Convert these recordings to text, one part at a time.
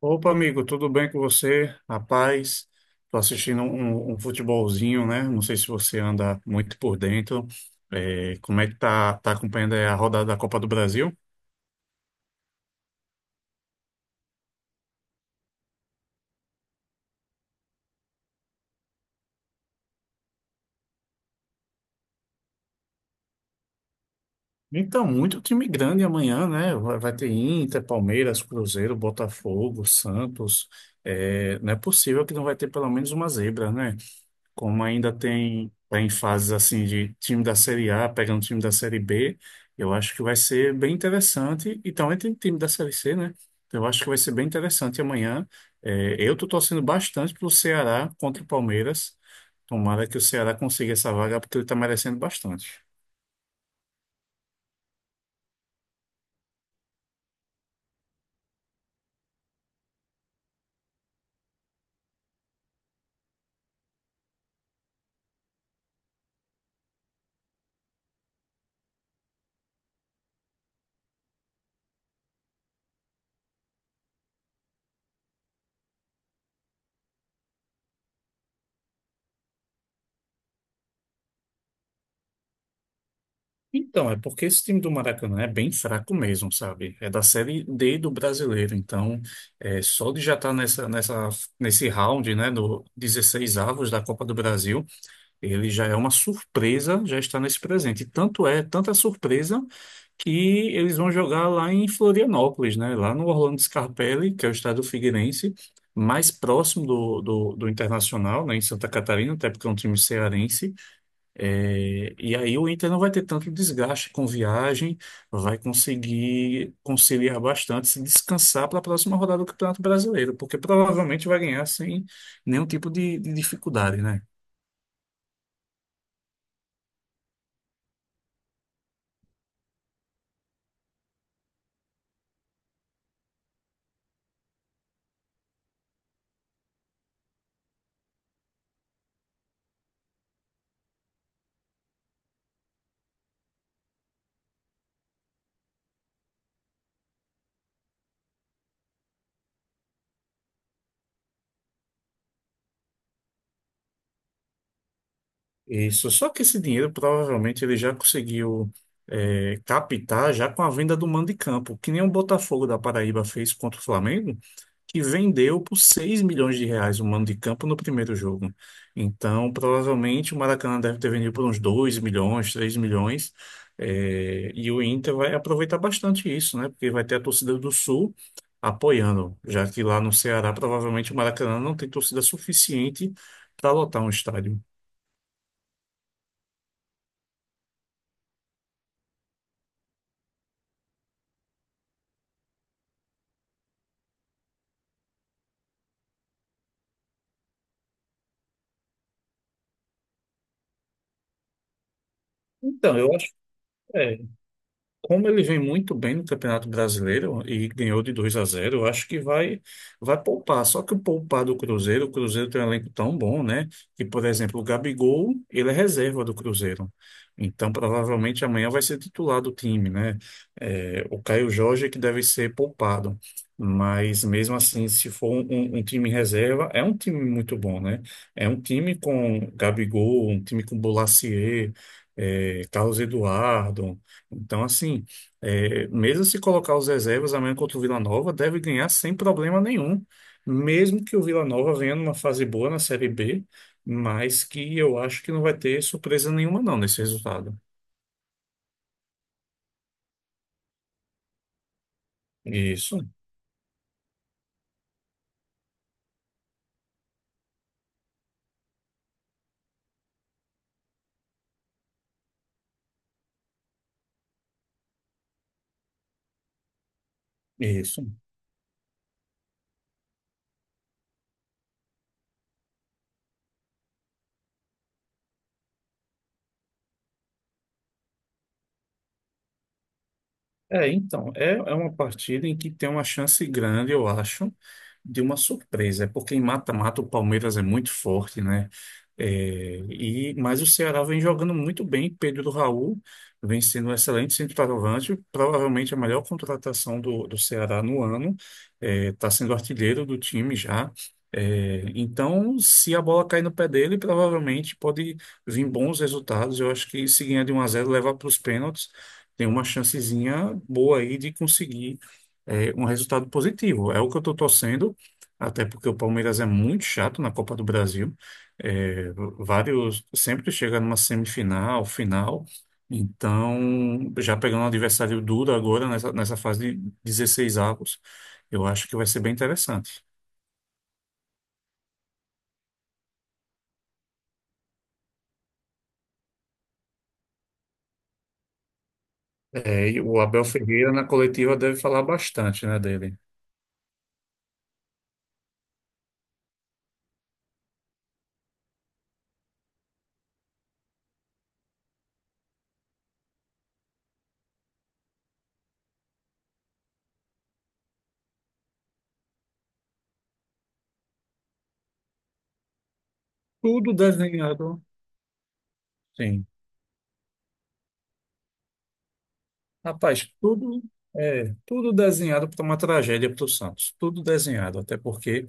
Opa, amigo, tudo bem com você? Rapaz, tô assistindo um futebolzinho, né? Não sei se você anda muito por dentro. É, como é que tá acompanhando aí a rodada da Copa do Brasil? Então, muito time grande amanhã, né? Vai ter Inter, Palmeiras, Cruzeiro, Botafogo, Santos. É, não é possível que não vai ter pelo menos uma zebra, né? Como ainda tem, tá em fases assim de time da Série A pegando time da Série B, eu acho que vai ser bem interessante. E também tem time da Série C, né? Então, eu acho que vai ser bem interessante amanhã. É, eu tô torcendo bastante pro Ceará contra o Palmeiras. Tomara que o Ceará consiga essa vaga, porque ele tá merecendo bastante. Então, é porque esse time do Maracanã é bem fraco mesmo, sabe? É da Série D do brasileiro, então só de já estar nesse round, né, do 16 avos da Copa do Brasil, ele já é uma surpresa, já está nesse presente. Tanto é, tanta surpresa, que eles vão jogar lá em Florianópolis, né? Lá no Orlando Scarpelli, que é o estádio figueirense, mais próximo do Internacional, né? Em Santa Catarina, até porque é um time cearense. É, e aí o Inter não vai ter tanto desgaste com viagem, vai conseguir conciliar bastante, se descansar para a próxima rodada do Campeonato Brasileiro, porque provavelmente vai ganhar sem nenhum tipo de dificuldade, né? Isso, só que esse dinheiro provavelmente ele já conseguiu captar já com a venda do mando de campo, que nem o Botafogo da Paraíba fez contra o Flamengo, que vendeu por 6 milhões de reais o mando de campo no primeiro jogo. Então, provavelmente o Maracanã deve ter vendido por uns 2 milhões, 3 milhões, e o Inter vai aproveitar bastante isso, né? Porque vai ter a torcida do Sul apoiando, já que lá no Ceará provavelmente o Maracanã não tem torcida suficiente para lotar um estádio. Então, eu É, como ele vem muito bem no Campeonato Brasileiro e ganhou de 2-0, eu acho que vai poupar. Só que o poupar do Cruzeiro, o Cruzeiro tem um elenco tão bom, né? Que, por exemplo, o Gabigol, ele é reserva do Cruzeiro. Então, provavelmente amanhã vai ser titular do time, né? É, o Caio Jorge é que deve ser poupado. Mas mesmo assim, se for um time reserva, é um time muito bom, né? É um time com Gabigol, um time com Bolasie, Carlos Eduardo. Então, assim, mesmo se colocar os reservas amanhã contra o Vila Nova, deve ganhar sem problema nenhum. Mesmo que o Vila Nova venha numa fase boa na Série B, mas que eu acho que não vai ter surpresa nenhuma, não, nesse resultado. Isso, isso. Então, uma partida em que tem uma chance grande, eu acho, de uma surpresa. É porque em mata-mata o Palmeiras é muito forte, né? É, mas o Ceará vem jogando muito bem. Pedro Raul vem sendo um excelente centroavante, provavelmente a melhor contratação do Ceará no ano. Está sendo artilheiro do time já. Então, se a bola cair no pé dele, provavelmente pode vir bons resultados. Eu acho que se ganhar de 1-0 levar para os pênaltis tem uma chancezinha boa aí de conseguir um resultado positivo. É o que eu estou torcendo, até porque o Palmeiras é muito chato na Copa do Brasil. É, Vários sempre chega numa semifinal, final. Então, já pegando um adversário duro agora nessa fase de 16 avos, eu acho que vai ser bem interessante. E o Abel Ferreira na coletiva deve falar bastante, né, dele. Tudo desenhado. Sim. Rapaz, tudo desenhado para uma tragédia para o Santos. Tudo desenhado, até porque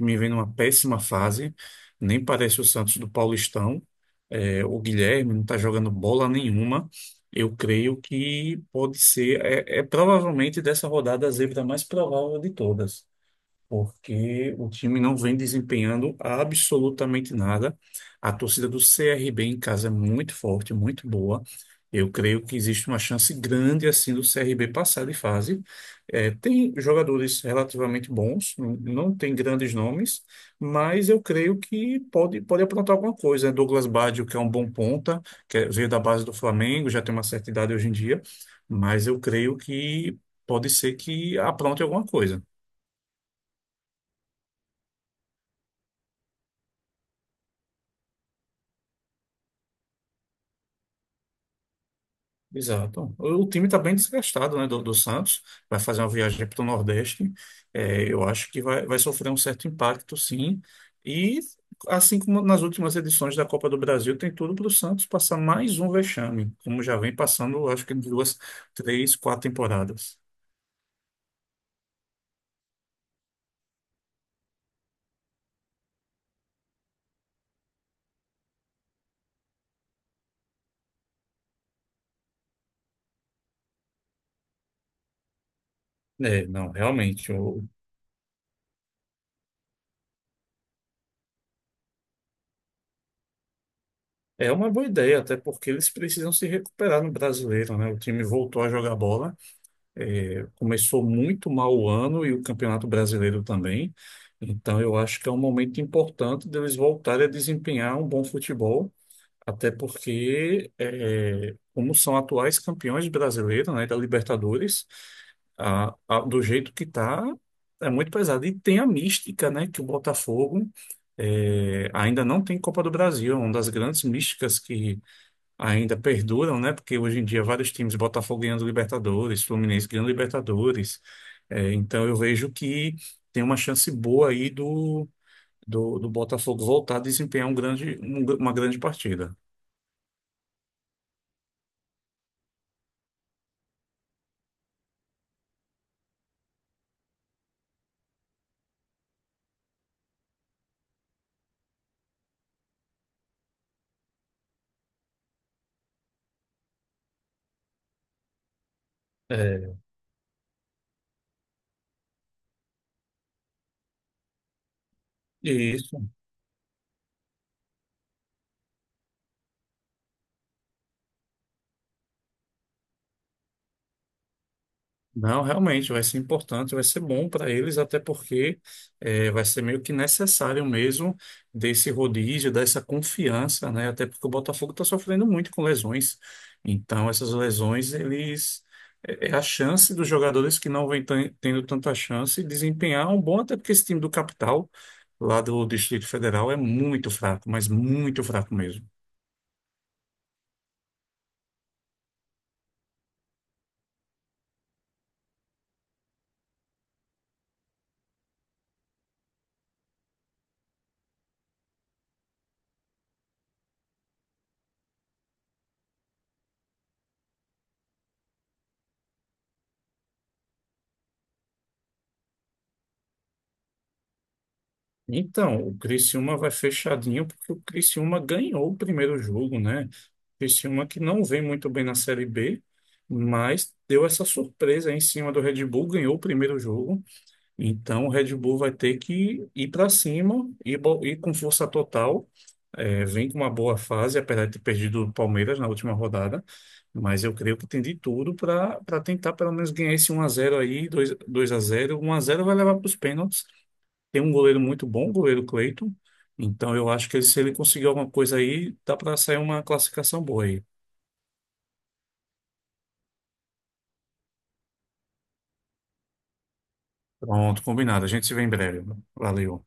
me vem numa péssima fase. Nem parece o Santos do Paulistão. O Guilherme não está jogando bola nenhuma. Eu creio que pode ser, provavelmente dessa rodada a zebra mais provável de todas porque o time não vem desempenhando absolutamente nada. A torcida do CRB em casa é muito forte, muito boa. Eu creio que existe uma chance grande assim do CRB passar de fase. Tem jogadores relativamente bons, não tem grandes nomes, mas eu creio que pode aprontar alguma coisa. Douglas Baggio, que é um bom ponta, veio da base do Flamengo, já tem uma certa idade hoje em dia, mas eu creio que pode ser que apronte alguma coisa. Exato. O time está bem desgastado, né, do Santos. Vai fazer uma viagem para o Nordeste. Eu acho que vai sofrer um certo impacto, sim. E, assim como nas últimas edições da Copa do Brasil, tem tudo para o Santos passar mais um vexame, como já vem passando, acho que 2, 3, 4 temporadas. É, não, realmente. É uma boa ideia, até porque eles precisam se recuperar no brasileiro, né? O time voltou a jogar bola. Começou muito mal o ano e o Campeonato Brasileiro também. Então, eu acho que é um momento importante deles voltarem a desempenhar um bom futebol, até porque, como são atuais campeões brasileiros, né, da Libertadores, do jeito que está, é muito pesado. E tem a mística, né, que o Botafogo ainda não tem Copa do Brasil, é uma das grandes místicas que ainda perduram, né? Porque hoje em dia vários times, Botafogo ganhando Libertadores, Fluminense ganhando Libertadores. Então eu vejo que tem uma chance boa aí do Botafogo voltar a desempenhar uma grande partida. É, Isso. Não, realmente vai ser importante, vai ser bom para eles, até porque vai ser meio que necessário mesmo desse rodízio, dessa confiança, né? Até porque o Botafogo está sofrendo muito com lesões. Então, essas lesões, eles é é a chance dos jogadores que não vêm tendo tanta chance de desempenhar um bom, até porque esse time do capital, lá do Distrito Federal, é muito fraco, mas muito fraco mesmo. Então, o Criciúma vai fechadinho porque o Criciúma ganhou o primeiro jogo, né? O Criciúma que não vem muito bem na Série B, mas deu essa surpresa aí em cima do Red Bull, ganhou o primeiro jogo. Então, o Red Bull vai ter que ir para cima e ir com força total. É, vem com uma boa fase, apesar de ter perdido o Palmeiras na última rodada, mas eu creio que tem de tudo para tentar pelo menos ganhar esse 1-0 aí, dois a zero, 1-0 vai levar para os pênaltis. Tem um goleiro muito bom, o goleiro Cleiton. Então eu acho que se ele conseguir alguma coisa aí, dá para sair uma classificação boa aí. Pronto, combinado. A gente se vê em breve. Valeu.